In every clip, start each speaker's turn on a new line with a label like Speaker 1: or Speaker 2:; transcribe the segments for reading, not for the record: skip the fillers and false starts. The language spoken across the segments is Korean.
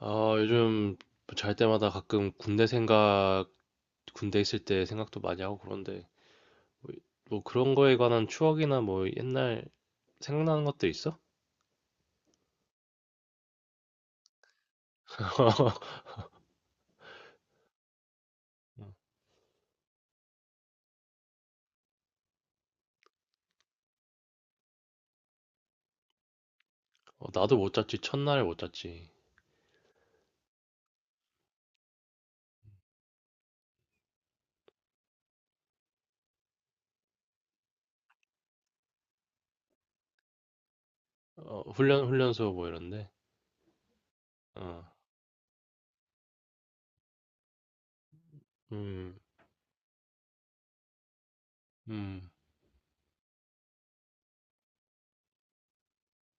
Speaker 1: 아, 요즘 잘 때마다 가끔 군대 있을 때 생각도 많이 하고 그런데, 뭐, 뭐 그런 거에 관한 추억이나 뭐 옛날 생각나는 것들 있어? 어, 나도 못 잤지, 첫날에 못 잤지. 어, 훈련소 뭐 이런데. 어, 음, 음,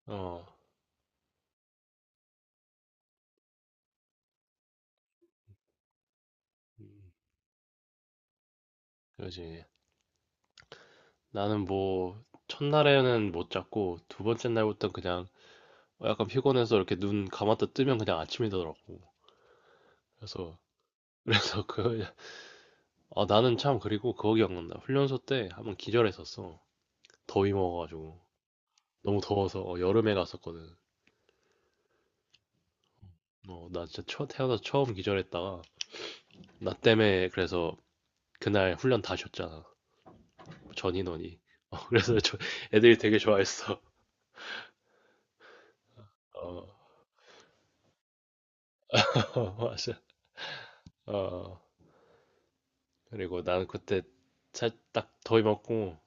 Speaker 1: 어, 음, 그러지. 나는 첫날에는 못 잤고, 두 번째 날부터 그냥 약간 피곤해서 이렇게 눈 감았다 뜨면 그냥 아침이더라고. 그래서, 그래서 그 아, 나는 참 그리고 그거 기억난다. 훈련소 때 한번 기절했었어. 더위 먹어가지고. 너무 더워서 어, 여름에 갔었거든. 어, 나 진짜 태어나서 처음 기절했다가 나 때문에 그래서 그날 훈련 다 쉬었잖아. 전 인원이. 어, 애들이 되게 좋아했어. 어, 맞아. 어, 그리고 나는 그때 딱 더위 먹고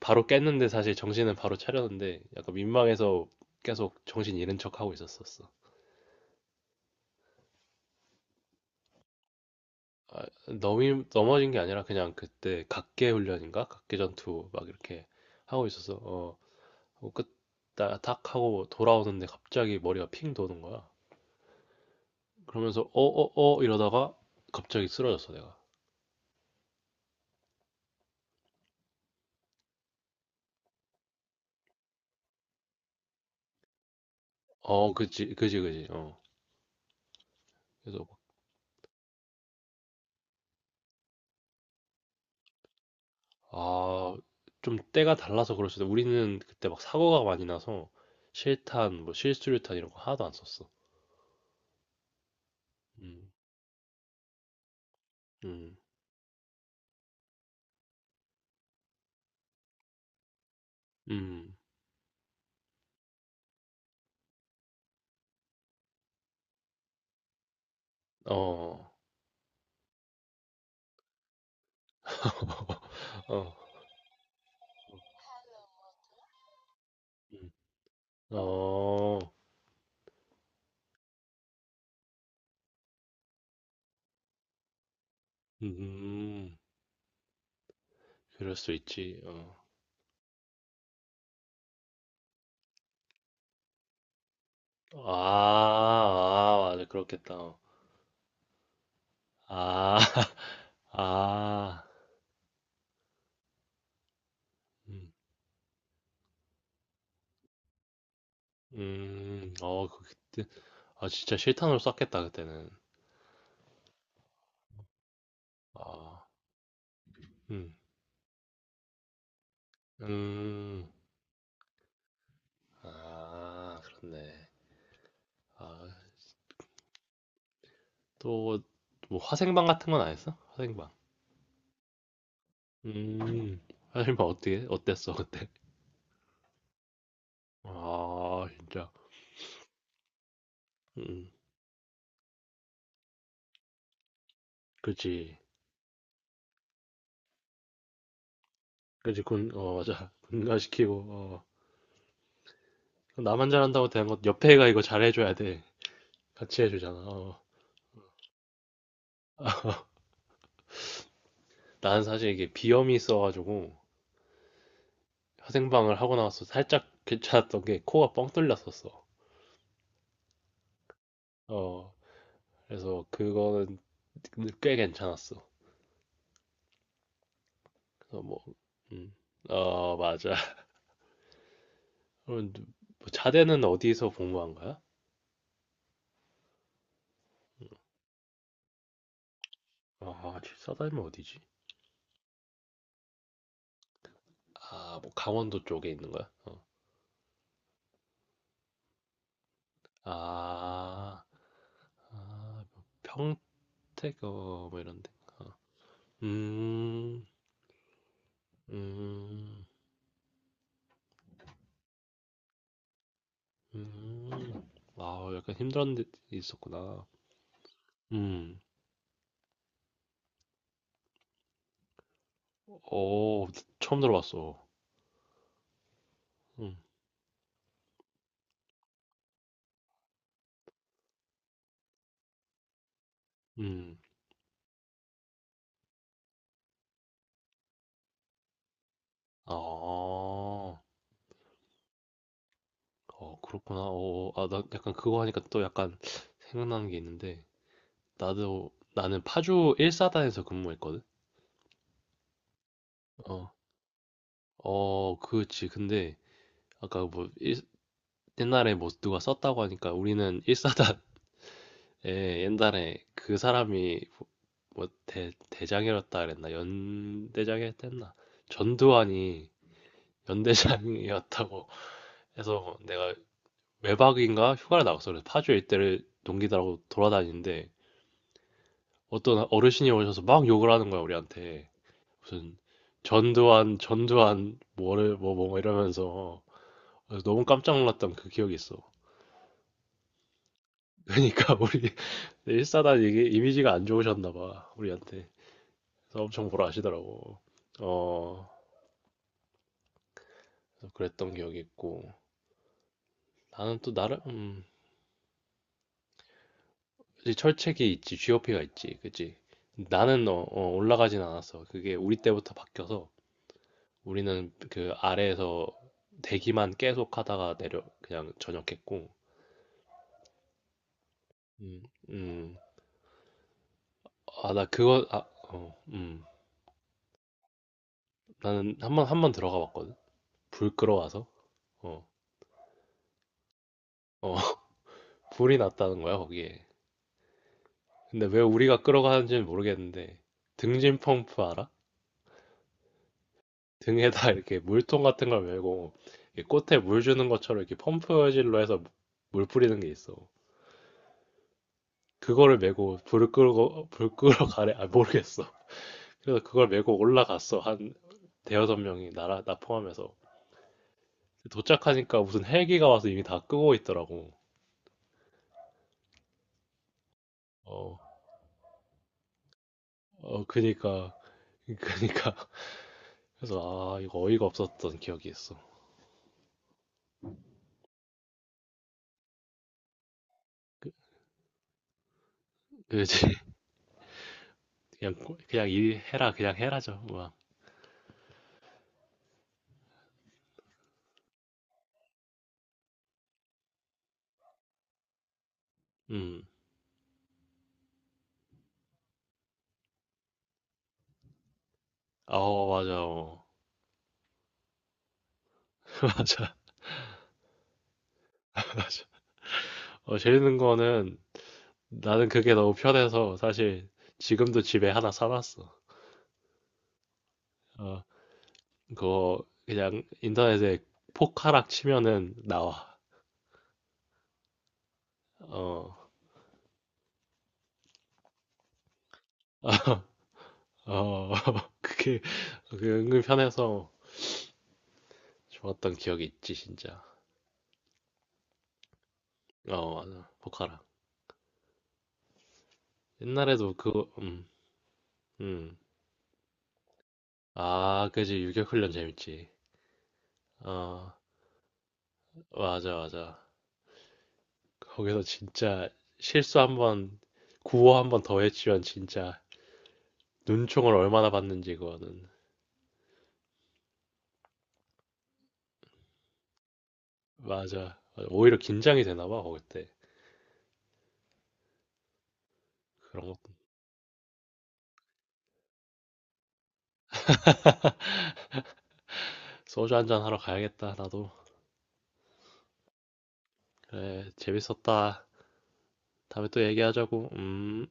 Speaker 1: 바로 깼는데 사실 정신은 바로 차렸는데 약간 민망해서 계속 정신 잃은 척 하고 있었었어. 아, 넘어진 게 아니라 그냥 그때 각계 훈련인가? 각계 전투 막 이렇게 하고 있어서 어, 하고 끝, 나, 탁 하고 돌아오는데 갑자기 머리가 핑 도는 거야. 그러면서 이러다가 갑자기 쓰러졌어 내가. 어, 그지, 그지, 그지. 어. 그래서 아, 좀 때가 달라서 그럴 수도. 우리는 그때 막 사고가 많이 나서 뭐 실수류탄 이런 거 하나도 안 썼어. 음, 음, 음, 어, 어, 음, 어, 음. 그럴 수 있지. 어. 아, 아, 맞아. 그렇겠다. 어. 아, 아. 음, 어, 그때. 아, 진짜 실탄으로 쐈겠다, 그때는. 아, 음, 음. 아, 그렇네. 아, 또, 뭐, 화생방 같은 건 안 했어? 화생방. 음, 어땠어, 그때? 아, 진짜. 음, 그치. 어, 맞아. 군가시키고, 어. 나만 잘한다고 되는 것, 옆에 애가 이거 잘해줘야 돼. 같이 해주잖아. 어. 난 사실 이게 비염이 있어가지고 화생방을 하고 나서 살짝 괜찮았던 게 코가 뻥 뚫렸었어. 어, 그래서 그거는 꽤 괜찮았어. 그래서 뭐, 음, 어, 맞아. 그럼 뭐 자대는 어디서 복무한 거야? 아, 집사다니면 어디지? 아, 뭐 강원도 쪽에 있는 거야? 어. 아, 아, 뭐 평택, 어, 뭐 이런 데. 어. 음, 음. 음. 아, 약간 힘든 데 있었구나. 음. 어, 처음 들어봤어. 음. 음. 아. 어, 그렇구나. 어, 아, 나 약간 그거 하니까 또 약간 생각나는 게 있는데 나도 나는 파주 1사단에서 근무했거든. 어. 어, 그렇지. 근데 아까 뭐 일, 옛날에 뭐 누가 썼다고 하니까 우리는 1사단 예, 옛날에 그 사람이 대장이었다 그랬나? 연대장이었댔나 전두환이 연대장이었다고 해서 내가 외박인가 휴가를 나갔어. 그래서 파주 일대를 동기들하고 돌아다니는데 어떤 어르신이 오셔서 막 욕을 하는 거야, 우리한테. 무슨 전두환, 뭐를, 뭐, 뭐 뭐 이러면서. 그래서 너무 깜짝 놀랐던 그 기억이 있어. 그러니까 우리 일사단 이게 이미지가 안 좋으셨나 봐, 우리한테. 그래서 엄청 보라 하시더라고. 어, 그래서 그랬던 기억이 있고. 나는 또 나름, 그치, 철책이 있지, GOP가 있지, 그치? 나는 올라가진 않았어. 그게 우리 때부터 바뀌어서 우리는 그 아래에서 대기만 계속 하다가 내려, 그냥 전역했고. 음, 음. 아, 나 그거, 아, 어, 나는 한 번 들어가 봤거든. 불 끌어와서. 어, 어, 불이 났다는 거야, 거기에. 근데 왜 우리가 끌어가는지는 모르겠는데, 등진 펌프 알아? 등에다 이렇게 물통 같은 걸 메고 이렇게 꽃에 물 주는 것처럼 이렇게 펌프질로 해서 물 뿌리는 게 있어. 그거를 메고 불을 끄고 불 끄러 가래 아 모르겠어. 그래서 그걸 메고 올라갔어 한 대여섯 명이 나라 나 포함해서 도착하니까 무슨 헬기가 와서 이미 다 끄고 있더라고. 어, 어 그니까 그래서 아 이거 어이가 없었던 기억이 있어. 그, 그지 그냥 그냥 일 해라 그냥 해라죠 막. 음. 아 맞아 어. 맞아. 어, 재밌는 거는 나는 그게 너무 편해서 사실 지금도 집에 하나 사놨어. 어, 그거 그냥 인터넷에 포카락 치면은 나와. 어, 어, 그게, 그게 은근 편해서 좋았던 기억이 있지, 진짜. 어, 맞아. 포카락. 옛날에도 그거, 음. 아, 그지. 유격훈련 재밌지. 어, 맞아, 맞아. 거기서 진짜 실수 한 번, 구호 한번 더 했지만 진짜 눈총을 얼마나 받는지 그거는 맞아. 맞아. 오히려 긴장이 되나 봐 그때 그런 것 소주 한잔 하러 가야겠다 나도 그래 재밌었다 다음에 또 얘기하자고